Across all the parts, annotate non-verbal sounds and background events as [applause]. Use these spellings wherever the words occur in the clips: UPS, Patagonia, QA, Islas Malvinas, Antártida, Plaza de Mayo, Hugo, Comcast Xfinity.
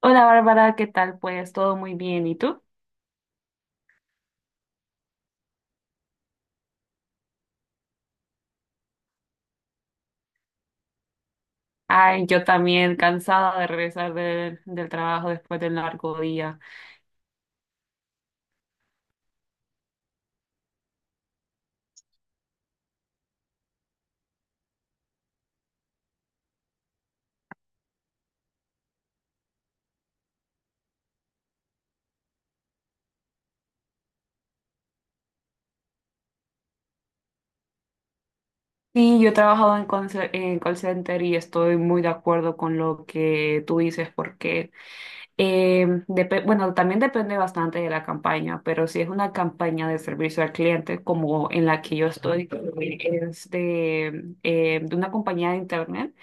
Hola Bárbara, ¿qué tal? Pues todo muy bien, ¿y tú? Ay, yo también cansada de regresar del trabajo después del largo día. Sí, yo he trabajado en, call center y estoy muy de acuerdo con lo que tú dices porque, bueno, también depende bastante de la campaña, pero si es una campaña de servicio al cliente como en la que yo estoy, que es de una compañía de internet.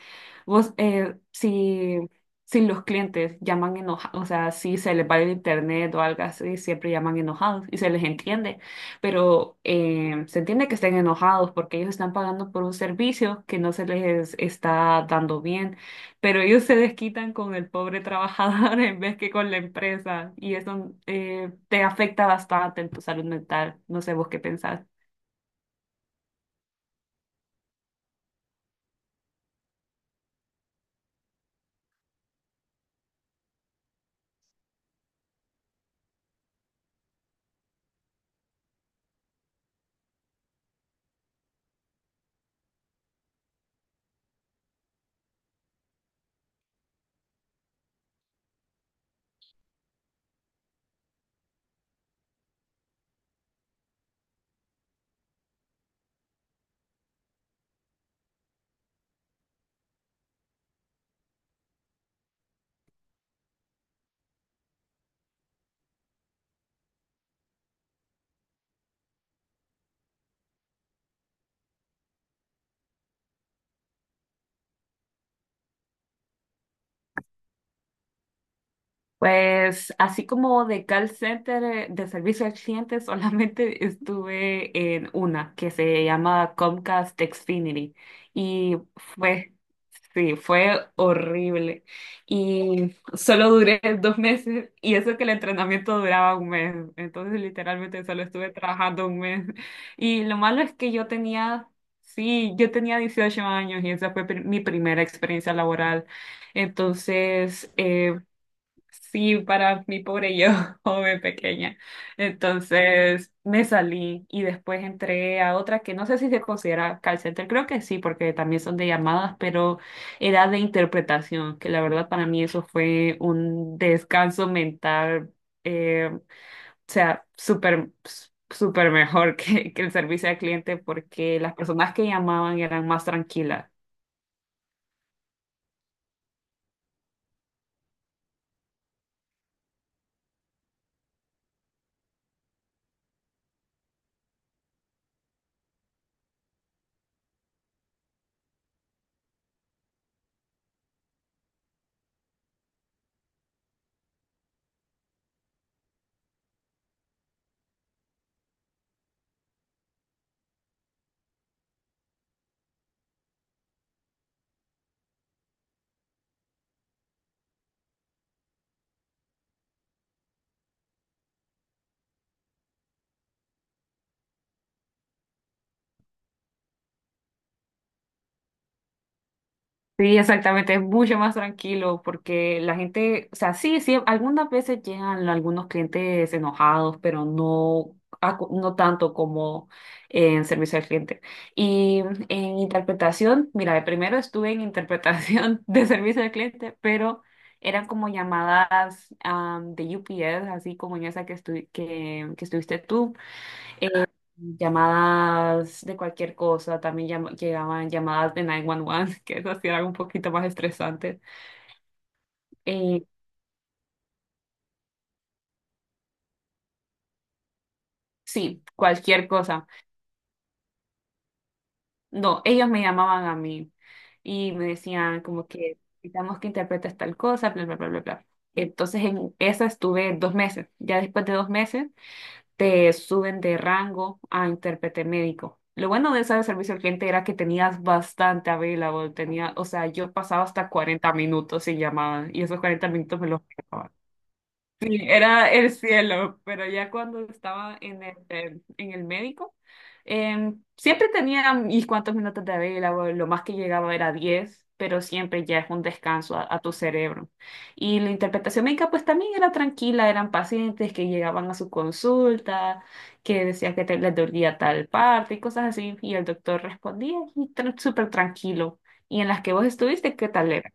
Vos, si los clientes llaman enojados, o sea, si se les va el internet o algo así, siempre llaman enojados y se les entiende, pero se entiende que estén enojados porque ellos están pagando por un servicio que no se les está dando bien, pero ellos se desquitan con el pobre trabajador [laughs] en vez que con la empresa y eso te afecta bastante en tu salud mental. No sé vos qué pensás. Pues así como de call center, de servicio al cliente, solamente [laughs] estuve en una que se llama Comcast Xfinity y fue, sí, fue horrible. Y solo duré [laughs] 2 meses y eso que el entrenamiento duraba un mes. Entonces literalmente solo estuve trabajando un mes. Y lo malo es que yo tenía, sí, yo tenía 18 años y esa fue mi primera experiencia laboral. Entonces, sí, para mi pobre yo, [laughs] joven pequeña. Entonces me salí y después entré a otra que no sé si se considera call center, creo que sí, porque también son de llamadas, pero era de interpretación, que la verdad para mí eso fue un descanso mental, o sea, súper mejor [laughs] que el servicio al cliente, porque las personas que llamaban eran más tranquilas. Sí, exactamente, es mucho más tranquilo porque la gente, o sea, sí, sí, algunas veces llegan algunos clientes enojados, pero no, no tanto como en servicio al cliente. Y en interpretación, mira, primero estuve en interpretación [laughs] de servicio al cliente, pero eran como llamadas de UPS, así como en esa que estuviste tú, llamadas de cualquier cosa, también llegaban llamadas de 911, [laughs] que eso sí era un poquito más estresante. Eh, sí, cualquier cosa. No, ellos me llamaban a mí y me decían como que necesitamos que interpretes tal cosa, bla, bla, bla, bla, bla. Entonces en esa estuve 2 meses. Ya después de 2 meses te suben de rango a intérprete médico. Lo bueno de esa de servicio al cliente era que tenías bastante available, tenía, o sea, yo pasaba hasta 40 minutos sin llamada y esos 40 minutos me los... Sí, era el cielo, pero ya cuando estaba en el, en el médico, siempre tenía mis cuantos minutos de vela, o lo más que llegaba era 10, pero siempre ya es un descanso a tu cerebro. Y la interpretación médica pues también era tranquila, eran pacientes que llegaban a su consulta, que decían que les dolía tal parte y cosas así, y el doctor respondía y súper tranquilo. ¿Y en las que vos estuviste, qué tal era?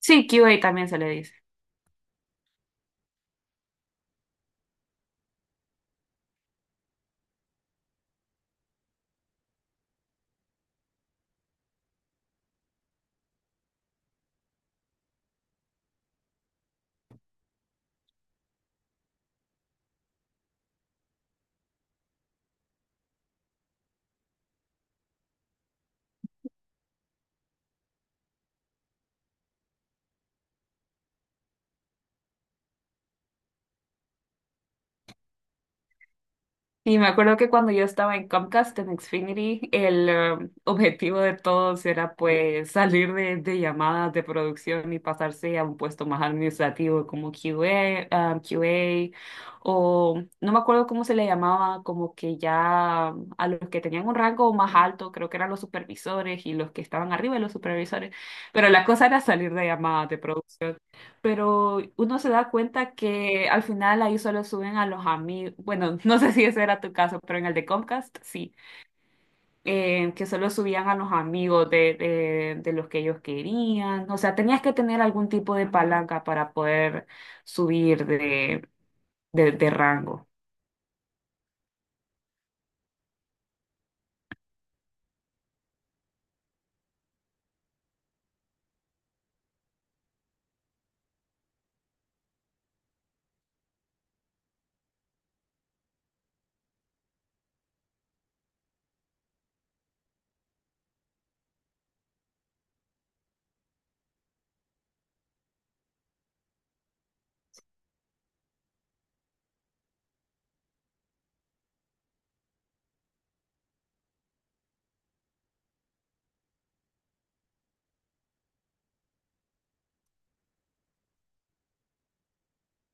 Sí, QA también se le dice. Y me acuerdo que cuando yo estaba en Comcast, en Xfinity, el objetivo de todos era pues salir de llamadas de producción y pasarse a un puesto más administrativo como QA, ah, QA, o no me acuerdo cómo se le llamaba, como que ya a los que tenían un rango más alto, creo que eran los supervisores y los que estaban arriba de los supervisores, pero la cosa era salir de llamadas de producción, pero uno se da cuenta que al final ahí solo suben a los amigos, bueno, [laughs] no sé si ese era tu caso, pero en el de Comcast sí, que solo subían a los amigos de los que ellos querían, o sea, tenías que tener algún tipo de palanca para poder subir de rango.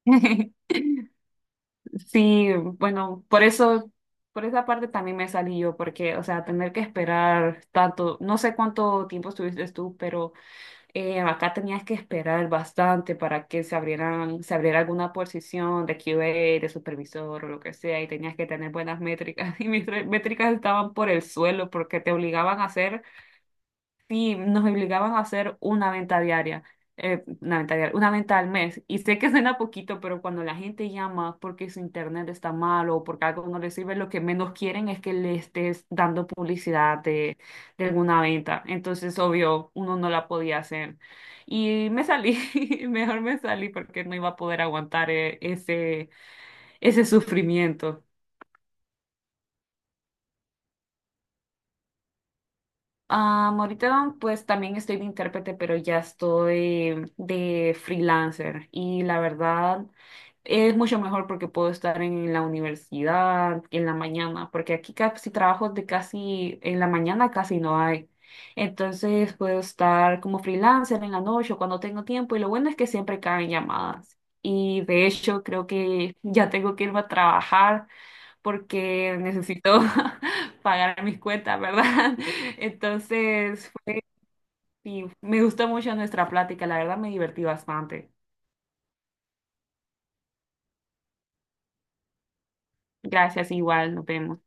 [laughs] Sí, bueno, por eso, por esa parte también me salí yo, porque, o sea, tener que esperar tanto, no sé cuánto tiempo estuviste tú, pero acá tenías que esperar bastante para que se abriera alguna posición de QA, de supervisor o lo que sea, y tenías que tener buenas métricas. [laughs] Y mis métricas estaban por el suelo porque te obligaban a hacer. Sí, nos obligaban a hacer una venta diaria, una venta diaria, una venta al mes. Y sé que suena poquito, pero cuando la gente llama porque su internet está mal o porque algo no le sirve, lo que menos quieren es que le estés dando publicidad de, alguna venta. Entonces, obvio, uno no la podía hacer. Y me salí, [laughs] mejor me salí porque no iba a poder aguantar ese sufrimiento. Ah, ahorita pues también estoy de intérprete, pero ya estoy de freelancer y la verdad es mucho mejor porque puedo estar en la universidad en la mañana, porque aquí casi trabajos de casi en la mañana casi no hay. Entonces puedo estar como freelancer en la noche o cuando tengo tiempo y lo bueno es que siempre caen llamadas. Y de hecho creo que ya tengo que irme a trabajar porque necesito [laughs] pagar mis cuentas, ¿verdad? [laughs] Entonces, y me gustó mucho nuestra plática, la verdad me divertí bastante. Gracias, igual, nos vemos.